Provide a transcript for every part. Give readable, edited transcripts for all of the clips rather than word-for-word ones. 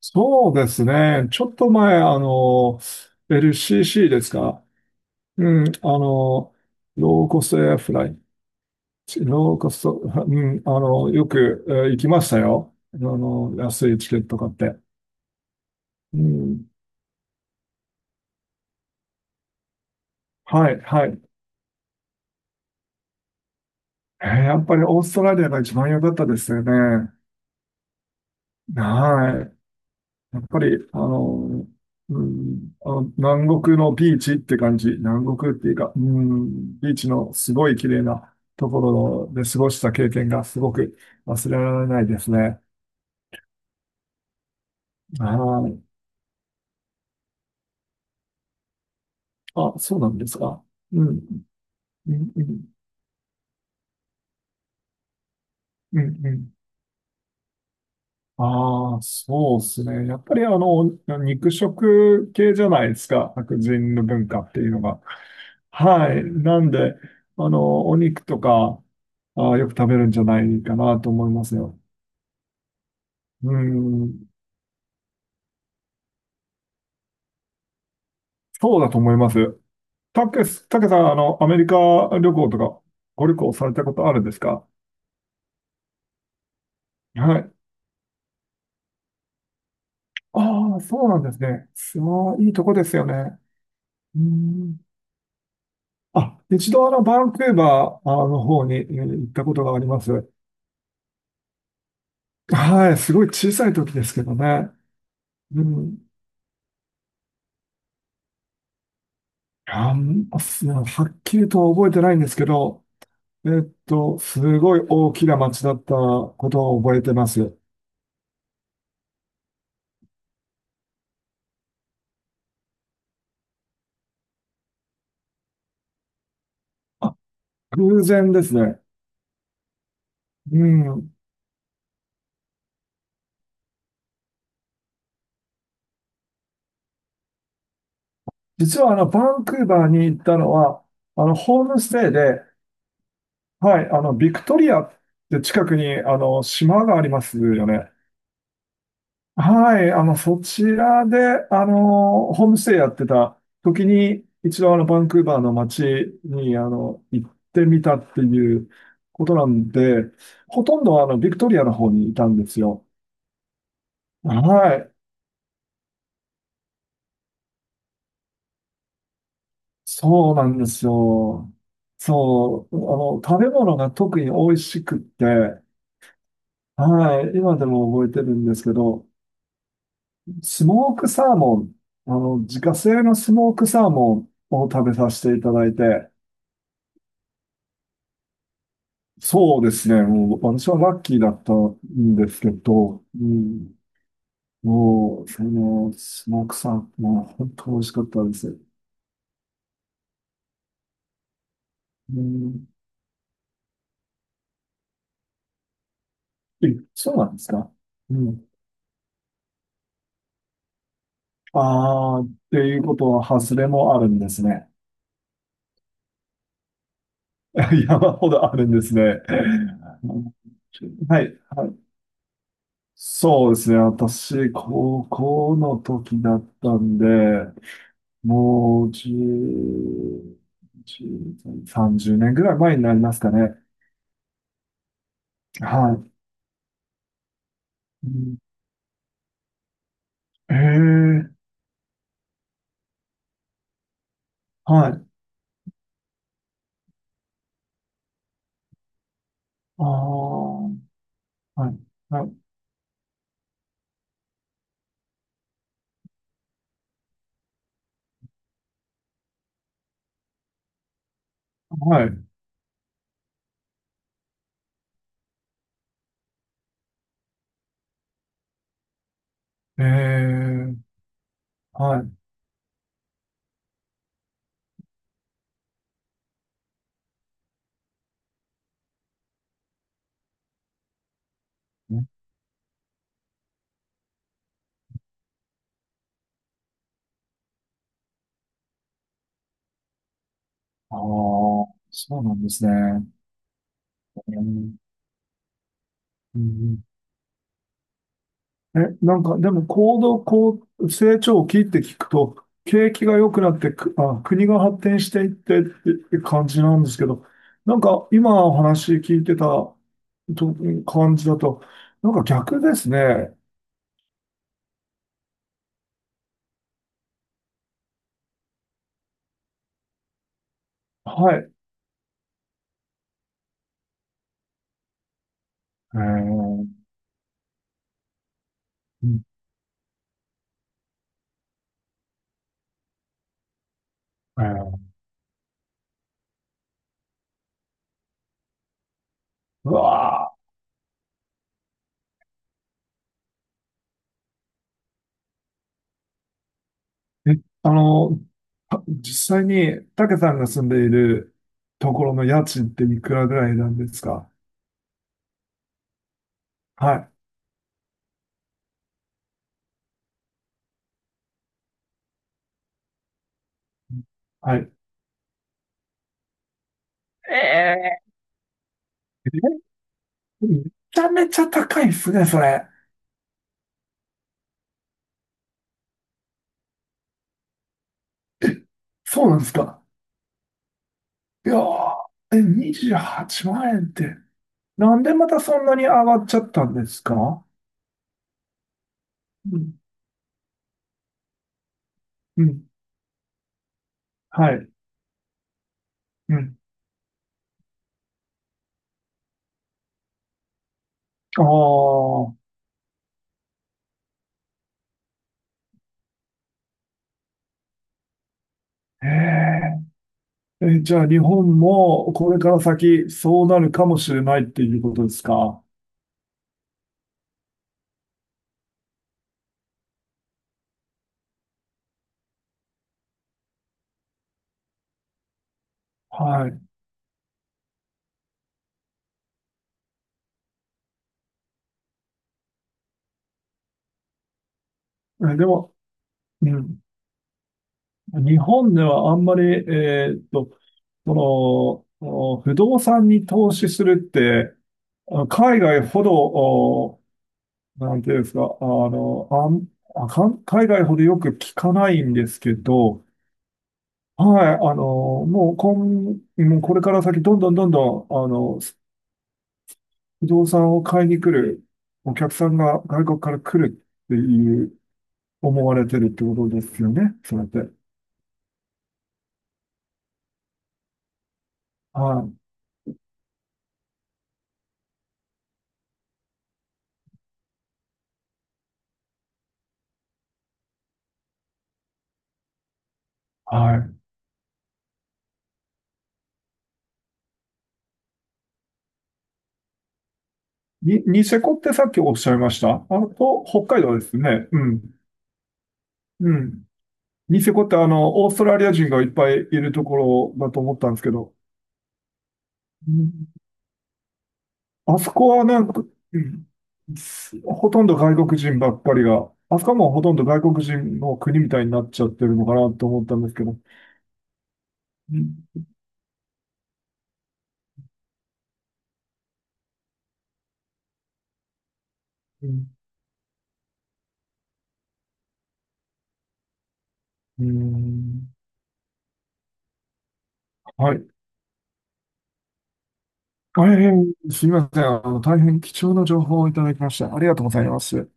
そうですね。ちょっと前、LCC ですか。うん、の、ローコストエアフライ。ローコスト、うん、よく、行きましたよ。安いチケット買って。うん、はい、はい。やっぱりオーストラリアが一番良かったですよね。はい。やっぱり、南国のビーチって感じ。南国っていうか、うん、ビーチのすごい綺麗なところで過ごした経験がすごく忘れられないですね。はい。あ、そうなんですか？うん、うん、うん、うん。うん、ああ、そうですね。やっぱり肉食系じゃないですか。白人の文化っていうのが。はい。なんで、お肉とか、よく食べるんじゃないかなと思いますよ。うん、そうだと思います。たけさん、アメリカ旅行とか、ご旅行されたことあるんですか？はい。ああ、そうなんですね。そういいとこですよね。うん。あ、一度バンクーバー方に行ったことがあります。はい。すごい小さい時ですけどね。うん。あんま、はっきりとは覚えてないんですけど、すごい大きな町だったことを覚えてます。あ、偶然ですね。うん。実はバンクーバーに行ったのは、ホームステイで、はい、ビクトリアって近くに、島がありますよね。はい、そちらで、ホームステイやってた時に、一度バンクーバーの街に、行ってみたっていうことなんで、ほとんどビクトリアの方にいたんですよ。はい。そうなんですよ。そう。食べ物が特に美味しくって、はい。今でも覚えてるんですけど、スモークサーモン、自家製のスモークサーモンを食べさせていただいて、そうですね。もう、私はラッキーだったんですけど、うん。もう、その、スモークサーモン、本当美味しかったです。うん。え、そうなんですか？うん。ああ、っていうことは、外れもあるんですね。山ほどあるんですね。はい、はい。そうですね。私、高校の時だったんで、もう、10、10 30年ぐらい前になりますかね。はい。うん、ええ、はい。ああ、はい。はい。はい。ええ、はい。ああ、そうなんですね。うん、うん、え、なんか、でもこう、成長期って聞くと、景気が良くなってく、あ、国が発展していってって感じなんですけど、なんか今お話聞いてたと感じだと、なんか逆ですね。はい。えー、うんえー、うわー、え、あの、実際に、たけさんが住んでいるところの家賃っていくらぐらいなんですか？はい。はい。えめちゃめちゃ高いっすね、それ。そうなんですか。いやー、え、28万円って、なんでまたそんなに上がっちゃったんですか？うん、うん、はい、うん。ああ、えええ、じゃあ日本もこれから先そうなるかもしれないっていうことですか？はい。え、でも、うん、日本ではあんまり、その、お不動産に投資するって、海外ほど、なんていうんですか、海外ほどよく聞かないんですけど、はい、もうこれから先、どんどんどんどん、不動産を買いに来るお客さんが外国から来るっていう、思われてるってことですよね、それって。はい、はい。ニセコってさっきおっしゃいました北海道ですね。うん、うん。ニセコってオーストラリア人がいっぱいいるところだと思ったんですけど。あそこはなんか、うん、ほとんど外国人ばっかりが、あそこはもうほとんど外国人の国みたいになっちゃってるのかなと思ったんですけど。うん、うん、はい。大変すみません。大変貴重な情報をいただきました。ありがとうございます。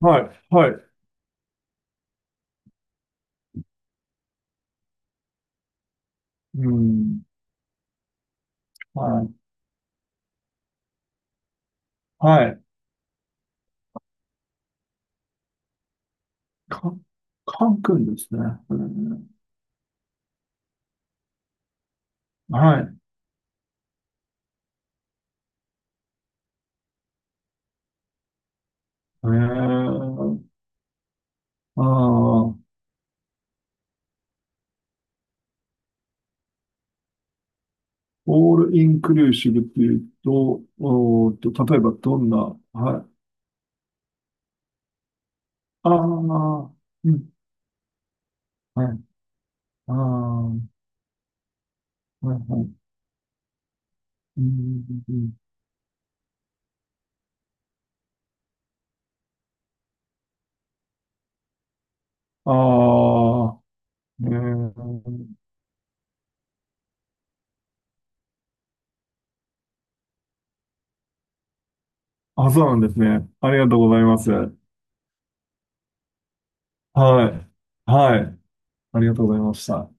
はい、はい。うん、はい、はい。カン、カン君ですね。うん、はい。えー、あーオールインクルーシブっていうと、おーっと、例えばどんな、はい。ああ、うん、はい、ああ、はい、はい。うん、うん、ああ、えー、あ、そうなんですね。ありがとうございます。はい。はい。ありがとうございました。